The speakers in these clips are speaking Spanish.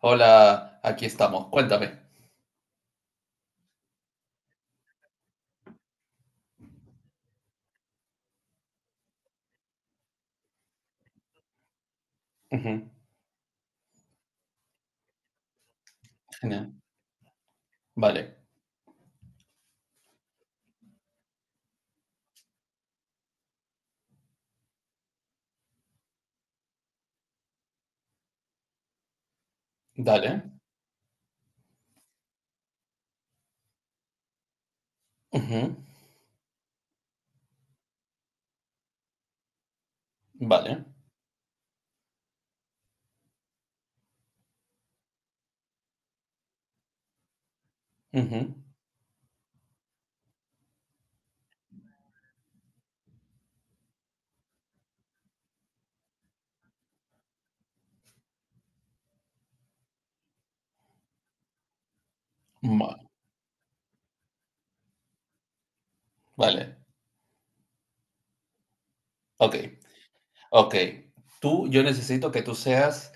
Hola, aquí estamos. Cuéntame. Ujú. Genial. Vale. Dale. Ujú. Vale. Ujú. Ma- Vale. Ok. Ok. Tú, yo necesito que tú seas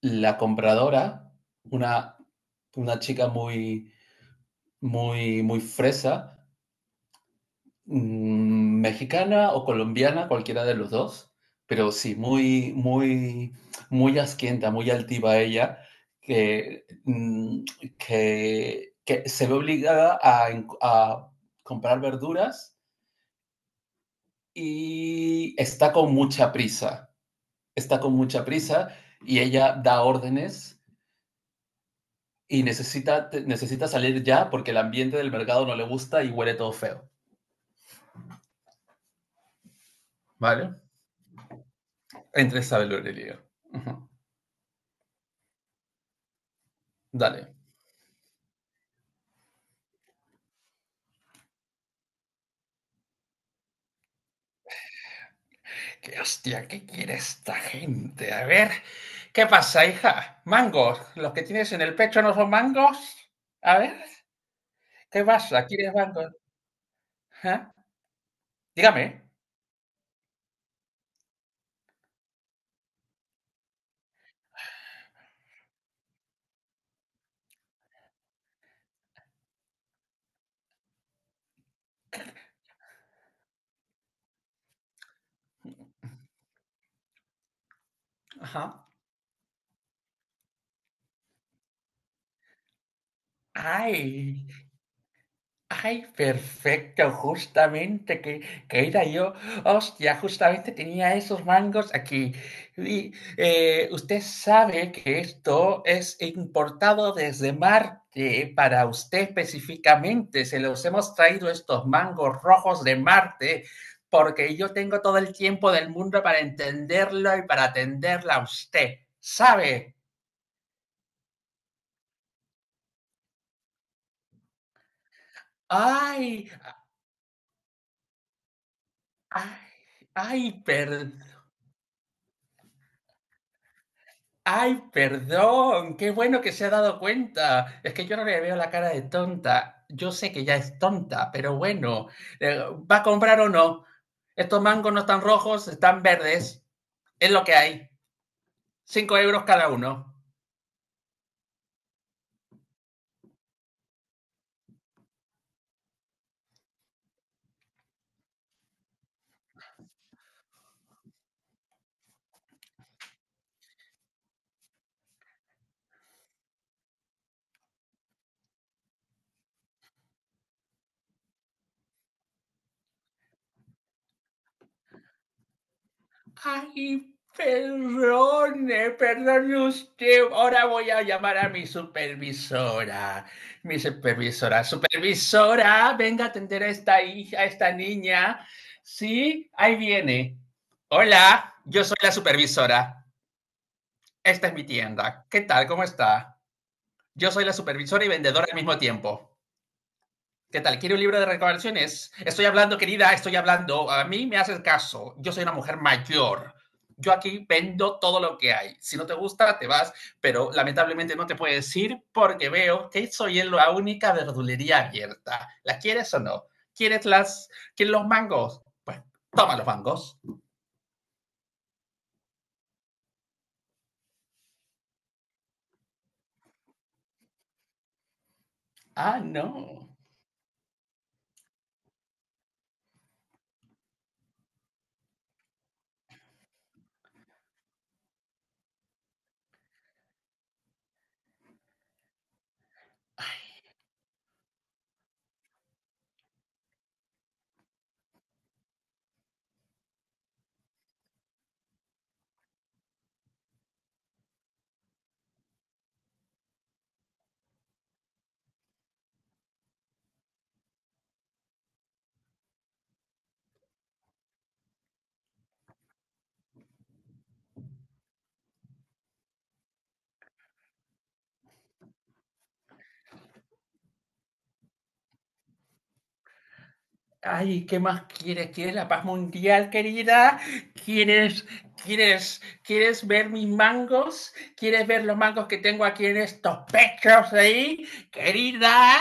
la compradora, una, una chica muy, muy, muy fresa. Mexicana o colombiana, cualquiera de los dos, pero sí, muy, muy, muy asquienta, muy altiva ella, que, mm, que se ve obligada a, a comprar verduras y está con mucha prisa, está con mucha prisa y ella da órdenes y necesita salir ya porque el ambiente del mercado no le gusta y huele todo feo, ¿vale? Entre Isabel y Aurelia. Ujú. Dale. ¿Qué hostia? ¿Qué quiere esta gente? A ver, ¿qué pasa, hija? ¿Mangos? ¿Los que tienes en el pecho no son mangos? A ver, ¿qué pasa? ¿Quieres mangos? ¿Ah? Dígame. Ajá. Ay, ay, perfecto, justamente que era yo. Hostia, justamente tenía esos mangos aquí. Y usted sabe que esto es importado desde Marte para usted específicamente. Se los hemos traído estos mangos rojos de Marte porque yo tengo todo el tiempo del mundo para entenderlo y para atenderla a usted. ¿Sabe? Ay, ay, ay, perdón. Ay, perdón, qué bueno que se ha dado cuenta. Es que yo no le veo la cara de tonta. Yo sé que ya es tonta, pero bueno, eh, ¿va a comprar o no? Estos mangos no están rojos, están verdes. Es lo que hay. 5 euros cada uno. Ay, perdone, perdone usted. Ahora voy a llamar a mi supervisora. Mi supervisora, supervisora, venga a atender a esta hija, a esta niña. Sí, ahí viene. Hola, yo soy la supervisora. Esta es mi tienda. ¿Qué tal? ¿Cómo está? Yo soy la supervisora y vendedora al mismo tiempo. ¿Qué tal? ¿Quiere un libro de recomendaciones? Estoy hablando, querida, estoy hablando. A mí me haces caso. Yo soy una mujer mayor. Yo aquí vendo todo lo que hay. Si no te gusta, te vas, pero lamentablemente no te puedes ir porque veo que soy la única verdulería abierta. ¿Las quieres o no? ¿Quieres las, ¿quieres los mangos? Pues toma los mangos. Ah, no. Ay, ¿qué más quieres? ¿Quieres la paz mundial, querida? ¿Quieres, quieres, quieres ver mis mangos? ¿Quieres ver los mangos que tengo aquí en estos pechos ahí, querida?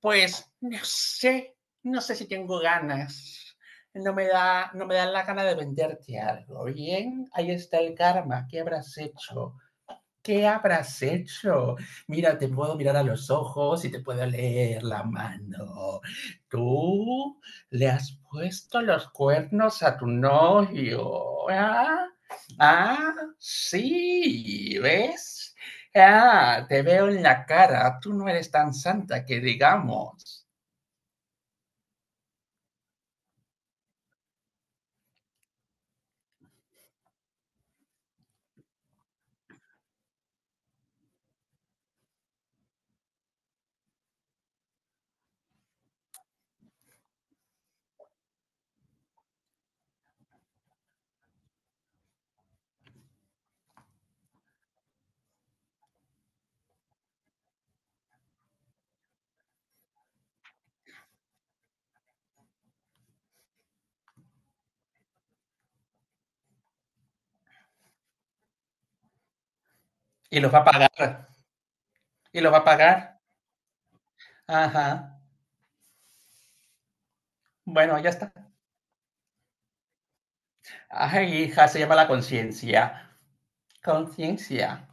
Pues no sé, no sé si tengo ganas. No me da, no me da la gana de venderte algo. Bien, ahí está el karma. ¿Qué habrás hecho? ¿Qué habrás hecho? Mira, te puedo mirar a los ojos y te puedo leer la mano. Tú le has puesto los cuernos a tu novio. ¿Ah? Ah, sí, ¿ves? Ah, te veo en la cara. Tú no eres tan santa que digamos. Y los va a pagar. Y los va a pagar. Ajá. Bueno, ya está. Ay, hija, se llama la conciencia. Conciencia.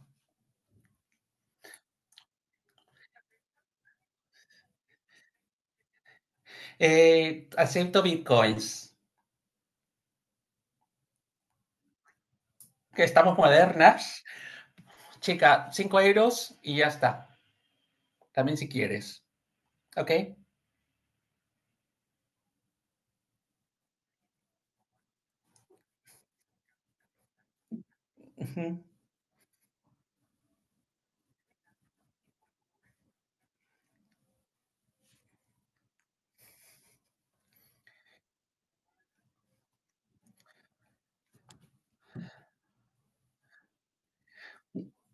Acepto bitcoins, que estamos modernas. Chica, 5 euros y ya está. También si quieres. ¿Ok? Ujú.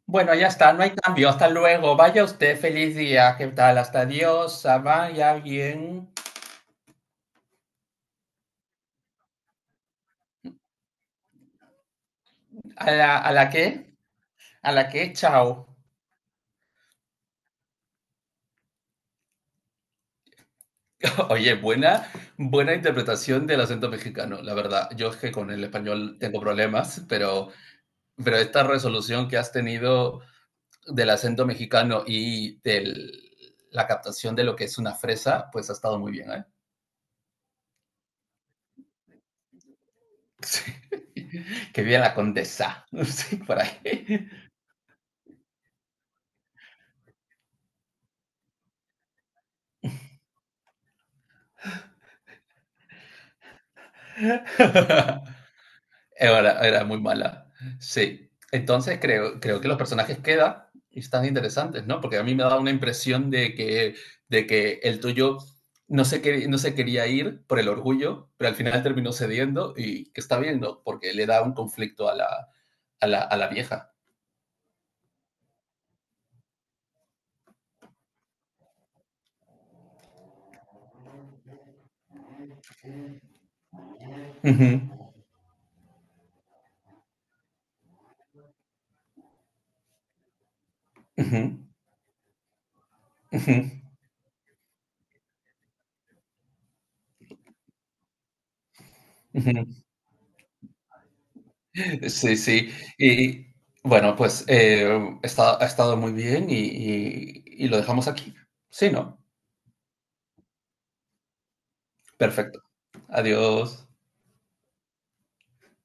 Bueno, ya está, no hay cambio. Hasta luego. Vaya usted, feliz día. ¿Qué tal? Hasta adiós. Ah, vaya bien. ¿A la qué? ¿A la qué? Chao. Oye, buena interpretación del acento mexicano, la verdad. Yo es que con el español tengo problemas, pero, esta resolución que has tenido del acento mexicano y de la captación de lo que es una fresa, pues ha estado muy bien, ¿eh? Sí. Que viene la condesa, sí, por ahí. Era, muy mala, sí. Entonces creo que los personajes quedan y están interesantes, ¿no? Porque a mí me da una impresión de que el tuyo no se quería ir por el orgullo, pero al final terminó cediendo y que está bien, ¿no? Porque le da un conflicto a la vieja. Uh -huh, uh -huh, uh -huh. Ujú. Sí, sí. Y bueno, pues ha estado muy bien y lo dejamos aquí. Sí, ¿no? Perfecto. Adiós.